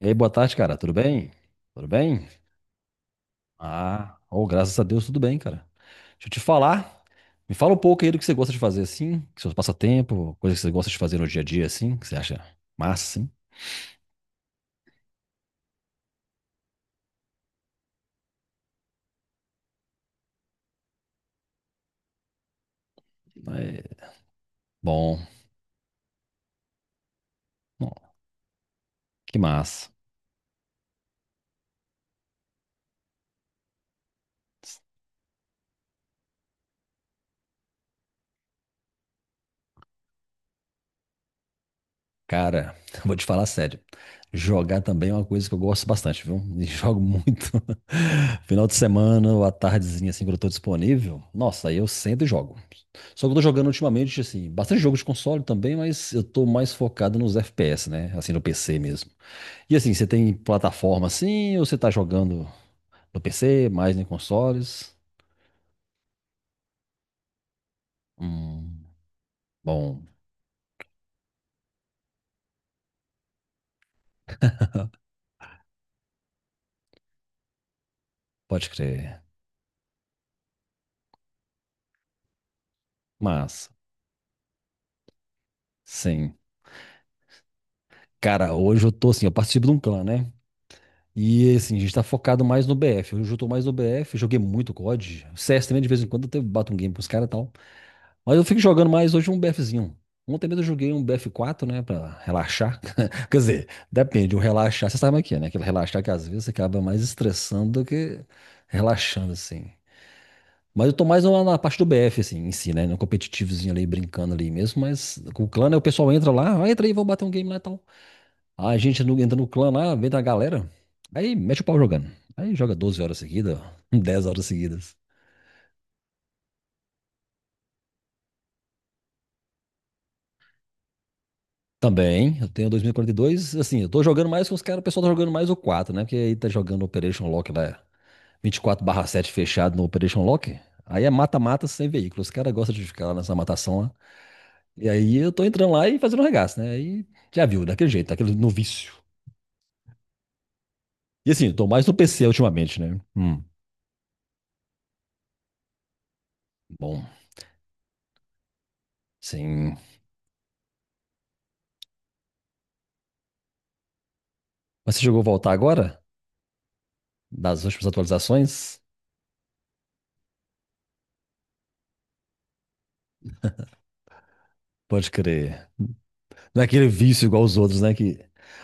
E aí, boa tarde, cara. Tudo bem? Tudo bem? Ah, oh, graças a Deus, tudo bem, cara. Deixa eu te falar. Me fala um pouco aí do que você gosta de fazer, assim, que seus passatempo, coisas que você gosta de fazer no dia a dia, assim, que você acha massa, assim. É, bom, bom, que massa. Cara, eu vou te falar sério. Jogar também é uma coisa que eu gosto bastante, viu? E jogo muito. Final de semana ou à tardezinha, assim, quando eu tô disponível. Nossa, aí eu sento e jogo. Só que eu tô jogando ultimamente, assim, bastante jogo de console também, mas eu tô mais focado nos FPS, né? Assim, no PC mesmo. E assim, você tem plataforma assim, ou você tá jogando no PC, mais em consoles? Hum, bom, pode crer. Mas, sim. Cara, hoje eu tô assim, eu participo de um clã, né? E assim, a gente tá focado mais no BF. Hoje eu tô mais no BF, joguei muito COD. CS também, de vez em quando, eu até bato um game pros caras e tal. Mas eu fico jogando mais hoje um BFzinho. Ontem mesmo eu joguei um BF4, né, pra relaxar. Quer dizer, depende, o relaxar, você sabe o que é, né? Aquele relaxar que às vezes você acaba mais estressando do que relaxando, assim. Mas eu tô mais na parte do BF, assim, em si, né? No competitivozinho ali, brincando ali mesmo. Mas com o clã, né, o pessoal entra lá, ah, entra aí, vamos bater um game lá e tal. Aí a gente entra no clã lá, vem da galera, aí mete o pau jogando. Aí joga 12 horas seguidas, 10 horas seguidas. Também, eu tenho 2042. Assim, eu tô jogando mais com os caras, o pessoal tá jogando mais o quatro, né? Porque aí tá jogando Operation Lock lá, 24 sete fechado no Operation Lock. Aí é mata-mata sem veículo. Os caras gostam de ficar lá nessa matação lá. E aí eu tô entrando lá e fazendo regaço, né? Aí já viu, daquele jeito, daquele no vício. E assim, eu tô mais no PC ultimamente, né? Bom, sim. Mas você chegou a voltar agora? Das últimas atualizações? Pode crer. Não é aquele vício igual os outros, né? Que...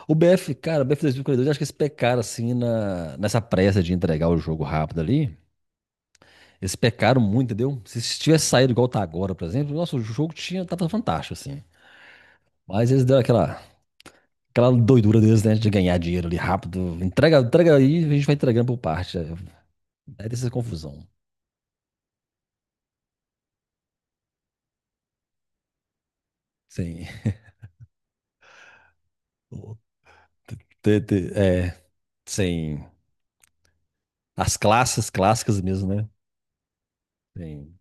O BF, cara, o BF e 42 acho que eles pecaram assim na... nessa pressa de entregar o jogo rápido ali. Eles pecaram muito, entendeu? Se tivesse saído igual tá agora, por exemplo, nossa, o jogo tinha... tava fantástico, assim. Mas eles deram aquela doidura deles, né? De ganhar dinheiro ali rápido. Entrega, entrega aí, a gente vai entregando por parte. Aí tem essa confusão. Sim. O É, sem as classes clássicas mesmo, né? Sim.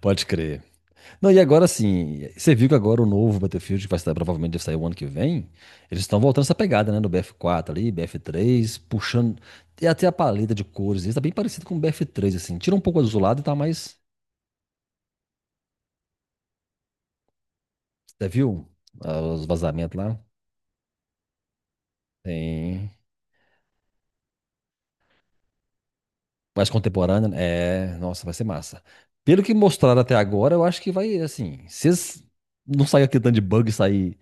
Pode crer. Não, e agora sim, você viu que agora o novo Battlefield, que vai sair, provavelmente deve sair o ano que vem, eles estão voltando essa pegada, né? Do BF4 ali, BF3, puxando. E até a paleta de cores, isso tá bem parecido com o BF3, assim. Tira um pouco azulado e tá mais. Você viu os vazamentos lá? Tem. Mais contemporâneo, né? É. Nossa, vai ser massa. Pelo que mostraram até agora, eu acho que vai, assim. Se eles não sair aquele tanto de bug e sair.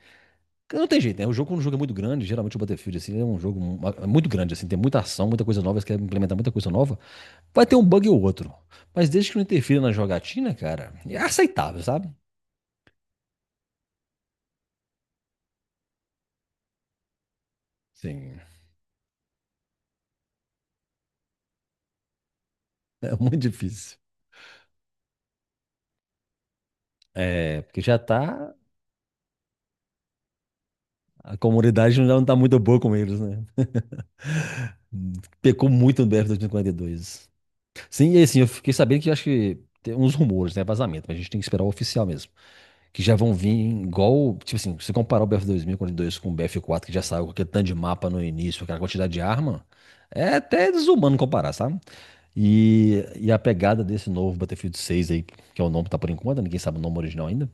Não tem jeito, né? O jogo, quando o jogo é muito grande, geralmente o Battlefield, assim, é um jogo é muito grande, assim, tem muita ação, muita coisa nova, você quer implementar muita coisa nova, vai ter um bug ou outro. Mas desde que não interfira na jogatina, cara, é aceitável, sabe? Sim, é muito difícil. É, porque já tá, a comunidade não tá muito boa com eles, né? Pecou muito no BF 2042. Sim, e assim, eu fiquei sabendo que acho que tem uns rumores, né? Vazamento, mas a gente tem que esperar o oficial mesmo. Que já vão vir igual, tipo assim, se você comparar o BF2042 com o BF4, que já saiu com aquele tanto de mapa no início, aquela quantidade de arma, é até desumano comparar, sabe? E a pegada desse novo Battlefield 6 aí, que é o nome que tá por enquanto, ninguém sabe o nome original ainda,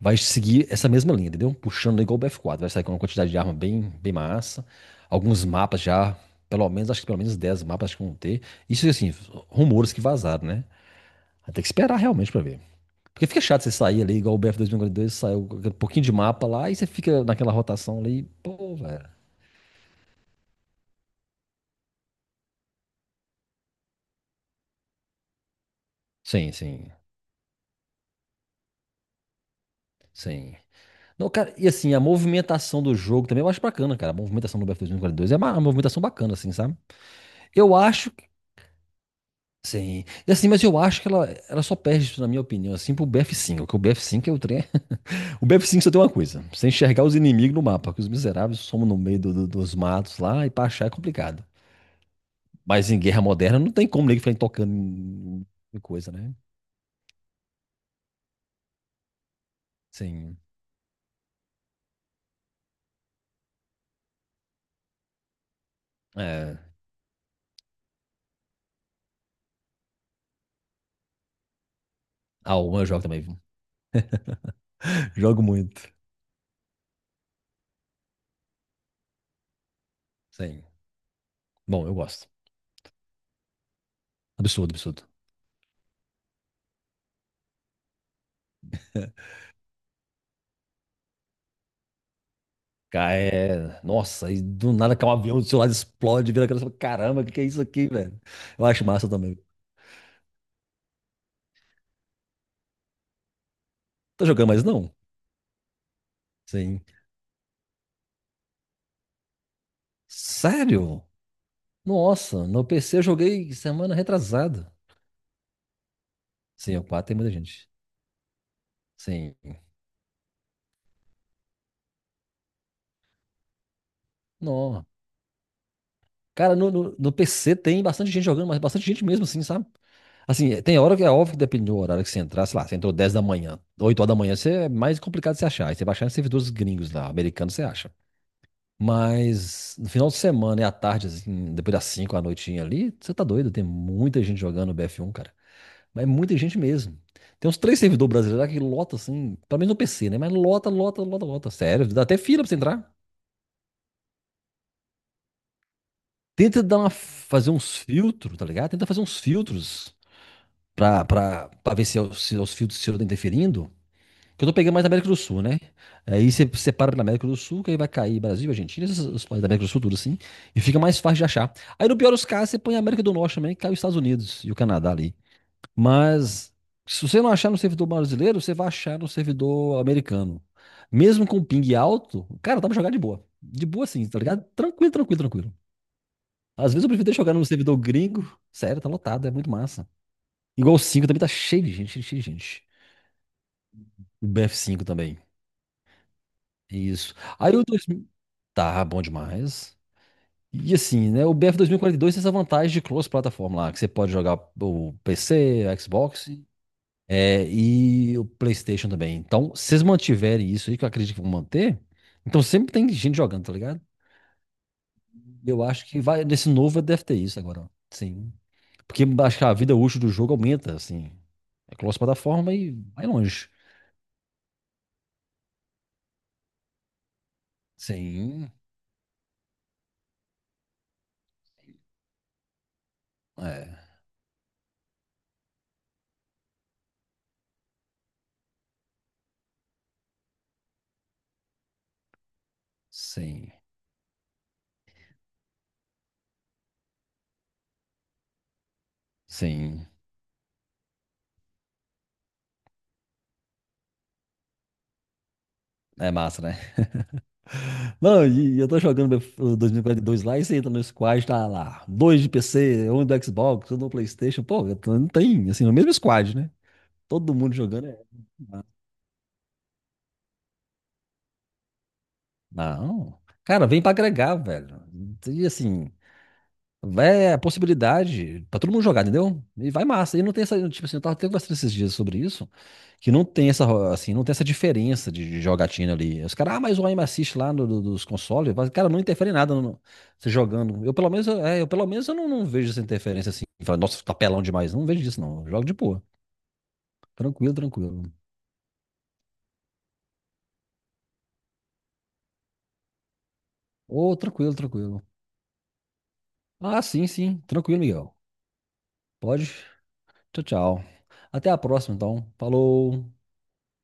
vai seguir essa mesma linha, entendeu? Puxando igual o BF4, vai sair com uma quantidade de arma bem, bem massa, alguns mapas já, pelo menos, acho que pelo menos 10 mapas acho que vão ter. Isso assim, rumores que vazaram, né? Vai ter que esperar realmente pra ver. Porque fica chato você sair ali, igual o BF 2042, saiu um pouquinho de mapa lá e você fica naquela rotação ali, pô, velho. Sim, sim, sim. Não, cara, e assim, a movimentação do jogo também eu acho bacana, cara. A movimentação do BF 2042 é uma movimentação bacana, assim, sabe? Eu acho que. Sim. E assim, mas eu acho que ela só perde isso, na minha opinião, assim, pro BF5. Porque o BF5 é o trem. O BF5 só tem uma coisa: você enxergar os inimigos no mapa, que os miseráveis somam no meio dos matos lá e pra achar é complicado. Mas em guerra moderna não tem como ninguém ficar tocando em coisa, né? Sim. É. Ah, o eu jogo também, viu? Jogo muito. Sim. Bom, eu gosto. Absurdo, absurdo. Cara, Nossa, e do nada cai um avião do seu lado, explode, vira aquela... Caramba, o que que é isso aqui, velho? Eu acho massa também. Tá jogando mais não? Sim. Sério? Nossa, no PC eu joguei semana retrasada. Sim, o 4 tem muita gente. Sim. Não, cara, no PC tem bastante gente jogando, mas bastante gente mesmo, assim, sabe? Assim, é, tem hora que é óbvio que depende do horário que você entrar, sei lá, você entrou 10 da manhã, 8 horas da manhã, você é mais complicado de você achar. Aí você vai achar em servidores gringos lá, americanos, você acha. Mas no final de semana e à tarde, assim, depois das 5 à noitinha ali, você tá doido, tem muita gente jogando BF1, cara. Mas é muita gente mesmo. Tem uns três servidores brasileiros lá que lota, assim, pelo menos no PC, né? Mas lota, lota, lota, lota. Sério, dá até fila pra você entrar. Tenta fazer uns filtros, tá ligado? Tenta fazer uns filtros pra ver se, se é os fios do Ciro estão interferindo. Que eu tô pegando mais na América do Sul, né? Aí você separa pela América do Sul, que aí vai cair Brasil, Argentina, esses os países da América do Sul, tudo assim. E fica mais fácil de achar. Aí no pior dos casos, você põe a América do Norte também, que cai os Estados Unidos e o Canadá ali. Mas se você não achar no servidor brasileiro, você vai achar no servidor americano. Mesmo com ping alto, cara, dá pra jogar de boa. De boa sim, tá ligado? Tranquilo, tranquilo, tranquilo. Às vezes eu prefiro até jogar no servidor gringo. Sério, tá lotado, é muito massa. Igual o 5 também tá cheio de gente, cheio de gente. O BF5 também. Isso. Aí o 2000. Tá bom demais. E assim, né? O BF 2042 tem essa vantagem de cross-plataforma lá, que você pode jogar o PC, Xbox, e o PlayStation também. Então, se vocês mantiverem isso aí, que eu acredito que vão manter, então sempre tem gente jogando, tá ligado? Eu acho que vai, nesse novo deve ter isso agora, ó. Sim. Porque acho que a vida útil do jogo aumenta, assim. É cross-plataforma e vai longe. Sim. É. Sim, sim. É massa, né? Não, e eu tô jogando o 2042 lá e você entra no squad, tá lá. Dois de PC, um do Xbox, um do PlayStation. Pô, não tem, assim, no mesmo squad, né? Todo mundo jogando, é. Não. Cara, vem pra agregar, velho. E assim, é a possibilidade pra todo mundo jogar, entendeu? E vai massa. E não tem essa, tipo assim, eu tava até conversando esses dias sobre isso. Que assim, não tem essa diferença de jogatina ali. Os caras, mas o aim assist lá no, do- dos consoles, mas, cara, não interfere em nada você jogando. Eu pelo menos eu não vejo essa interferência assim. Fala, nossa, tá pelão demais. Não vejo isso, não. Eu jogo de boa. Tranquilo, tranquilo. Ô, tranquilo, tranquilo. Ah, sim, sim. Tranquilo, Miguel. Pode. Tchau, tchau. Até a próxima, então. Falou.